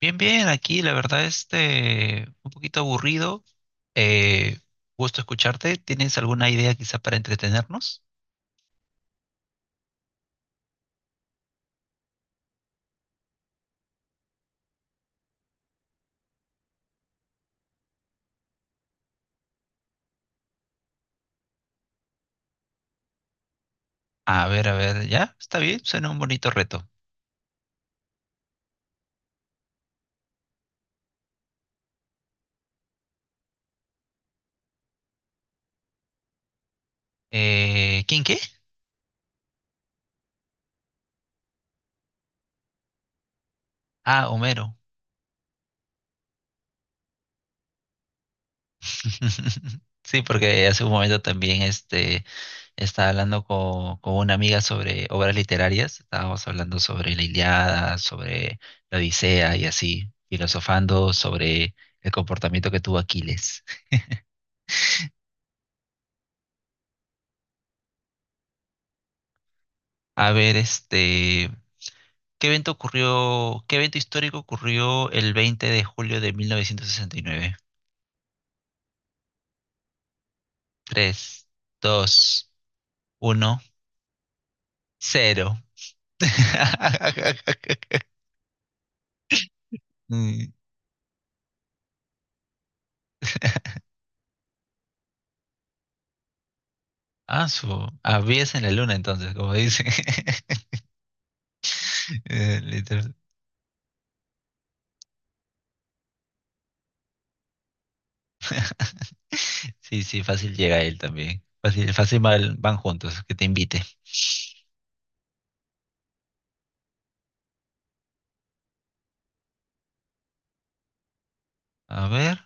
Bien, bien, aquí la verdad este un poquito aburrido. Eh, Gusto escucharte. ¿Tienes alguna idea quizá para entretenernos? A ver, ya, está bien, suena un bonito reto. ¿Quién qué? Ah, Homero. Sí, porque hace un momento también este, estaba hablando con, una amiga sobre obras literarias, estábamos hablando sobre la Iliada, sobre la Odisea y así, filosofando sobre el comportamiento que tuvo Aquiles. A ver, este, ¿qué evento ocurrió, qué evento histórico ocurrió el 20 de julio de 1969? Tres, dos, uno, cero. Mm, su. Habías en la luna entonces, como dicen. Literal. Sí, sí, fácil llega él también. Fácil, fácil van juntos, que te invite. A ver.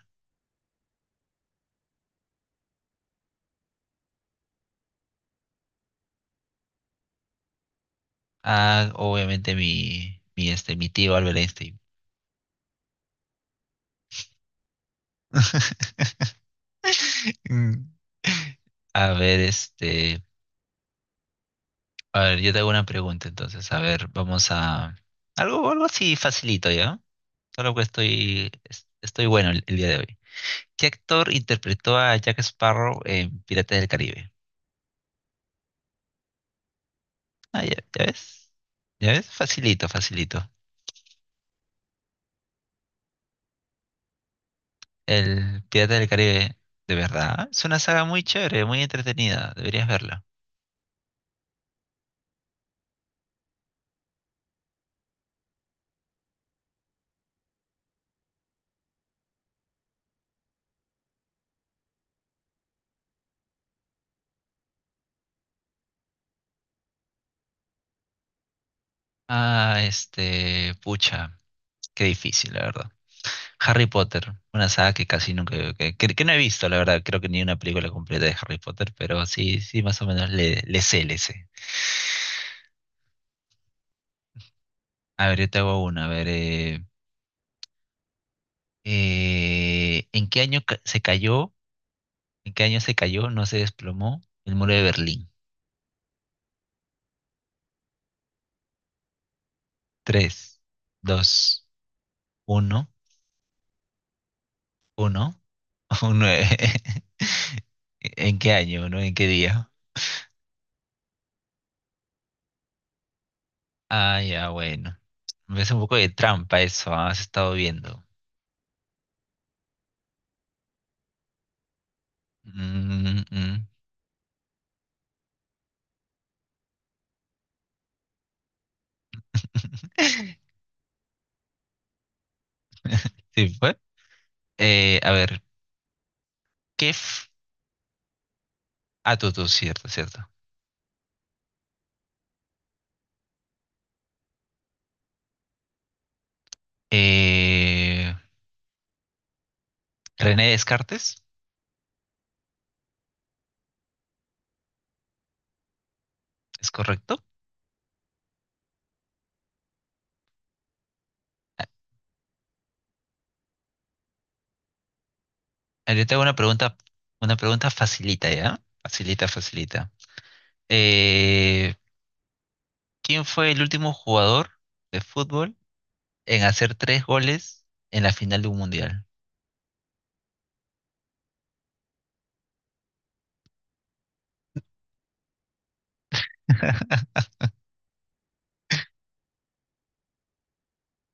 Ah, obviamente este, mi tío Albert Einstein. Mm. A ver, este. A ver, yo te hago una pregunta entonces. A ver, vamos a… Algo, algo así facilito, ¿ya? Solo que estoy bueno el día de hoy. ¿Qué actor interpretó a Jack Sparrow en Piratas del Caribe? Ah, ya, ya ves. ¿Ya ves? Facilito, facilito. El Pirata del Caribe, de verdad. Es una saga muy chévere, muy entretenida. Deberías verla. Ah, este… Pucha, qué difícil, la verdad. Harry Potter, una saga que casi nunca, que no he visto, la verdad, creo que ni una película completa de Harry Potter, pero sí, sí, más o menos le sé, le sé. A ver, yo te hago una, a ver, ¿en qué año se cayó? ¿En qué año se cayó? No se desplomó el muro de Berlín. Tres, dos, uno, uno, un nueve. ¿En qué año, no? ¿En qué día? Ah, ya, bueno. Me hace un poco de trampa eso, ah, has estado viendo. Mm, mm. mm. Sí, fue. A ver, ¿qué? f- Ah, cierto, cierto. Eh, René Descartes, ¿es correcto? Ah, Yo tengo una pregunta facilita, ¿ya? Facilita, facilita. Eh, ¿Quién fue el último jugador de fútbol en hacer tres goles en la final de un mundial?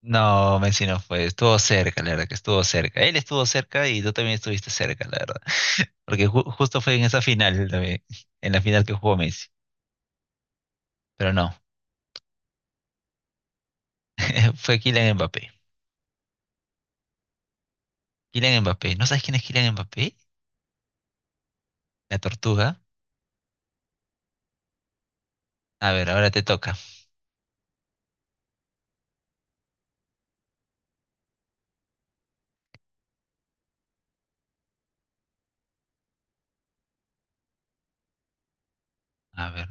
No, Messi no fue, estuvo cerca, la verdad que estuvo cerca. Él estuvo cerca y tú también estuviste cerca, la verdad. Porque justo fue en esa final también, en la final que jugó Messi. Pero no, fue Kylian Mbappé. Kylian Mbappé. ¿No sabes quién es Kylian Mbappé? La tortuga. A ver, ahora te toca. A ver,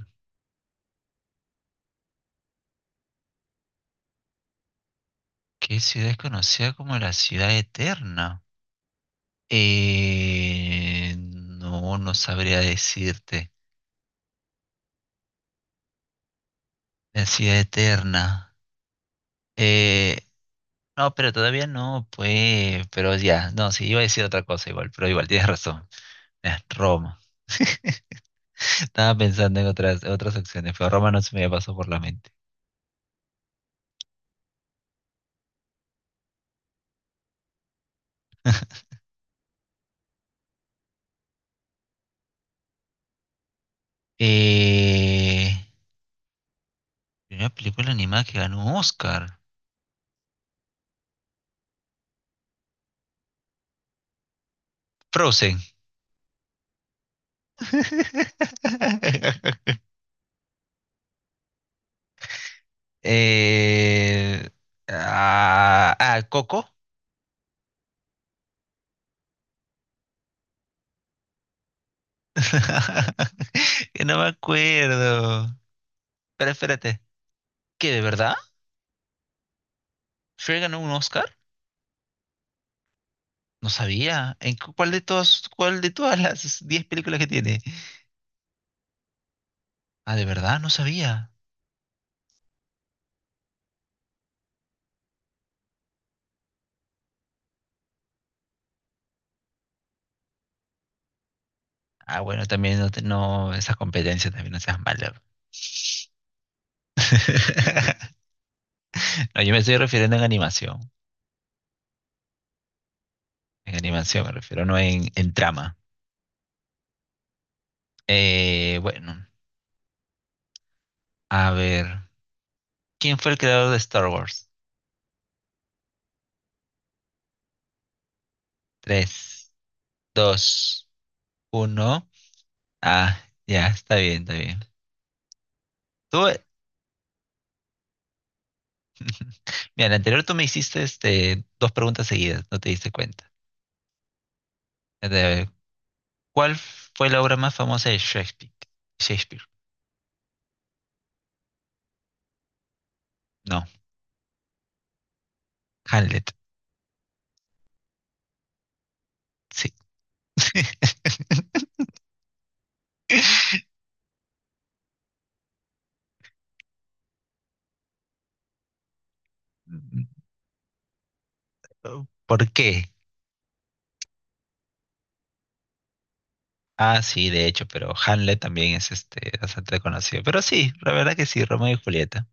¿qué ciudad es conocida como la ciudad eterna? No, no sabría decirte. La ciudad eterna. Eh, no, pero todavía no, pues, pero ya, no, sí, iba a decir otra cosa igual, pero igual, tienes razón. Es Roma. Estaba pensando en otras, otras opciones, pero Roma no se me pasó por la mente. Eh, primera película animada que ganó un Oscar. Frozen. Eh, Coco. Que no me acuerdo. Pero espérate, ¿qué de verdad? ¿Shrek ganó un Oscar? No sabía. ¿En cuál de todas las 10 películas que tiene? Ah, de verdad, no sabía. Ah, bueno, también no, no esa competencia también no seas malo. No, yo me estoy refiriendo en animación. En animación me refiero, no en, en trama. Bueno, a ver. ¿Quién fue el creador de Star Wars? Tres, dos, uno. Ah, ya, está bien, está bien. Tú, mira, en la anterior tú me hiciste este, dos preguntas seguidas, no te diste cuenta. A ver, ¿cuál fue la obra más famosa de Shakespeare? Shakespeare. No, Hamlet. Sí. ¿Por qué? Ah, sí, de hecho, pero Hamlet también es este bastante conocido. Pero sí, la verdad que sí, Romeo y Julieta.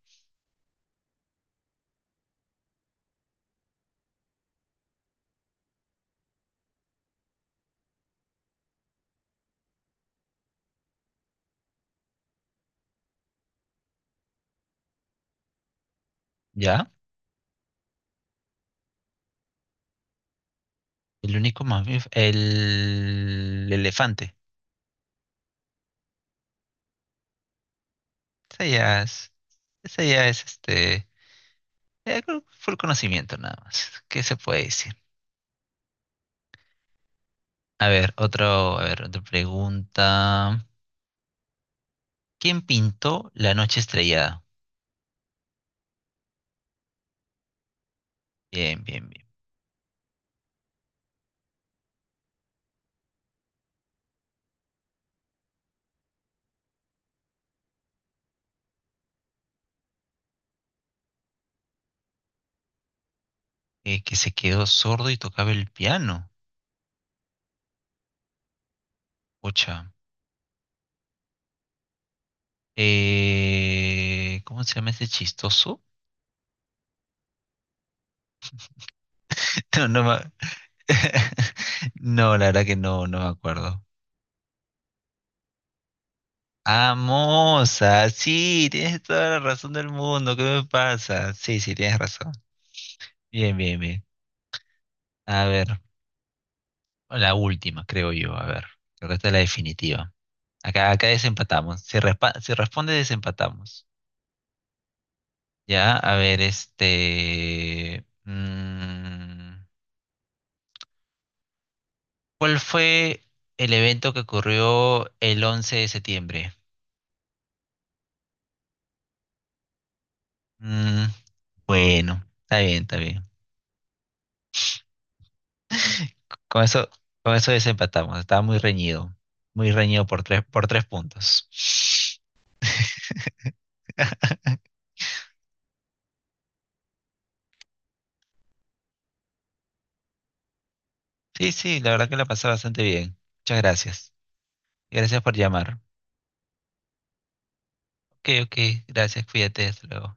¿Ya? El único mamífero, el elefante. Esa ya es, esa ya es este, ya creo que fue el conocimiento nada más. ¿Qué se puede decir? A ver, otro, a ver, otra pregunta. ¿Quién pintó La noche estrellada? Bien, bien, bien. Que se quedó sordo y tocaba el piano. Ocha. ¿Cómo se llama ese chistoso? No, no, la verdad que no, no me acuerdo. Ah, Moza, sí, tienes toda la razón del mundo, ¿qué me pasa? Sí, sí, tienes razón. Bien, bien, bien. A ver, la última, creo yo, a ver. Creo que esta es la definitiva. Acá, acá desempatamos. Si responde, desempatamos. Ya, a ver, este… mm, ¿cuál fue el evento que ocurrió el 11 de septiembre? Mm, bueno, está bien, está bien. Con eso, con eso desempatamos. Estaba muy reñido. Muy reñido por tres puntos. Sí, sí, la verdad que la pasé bastante bien. Muchas gracias. Gracias por llamar. Ok, ok. Gracias, cuídate. Hasta luego.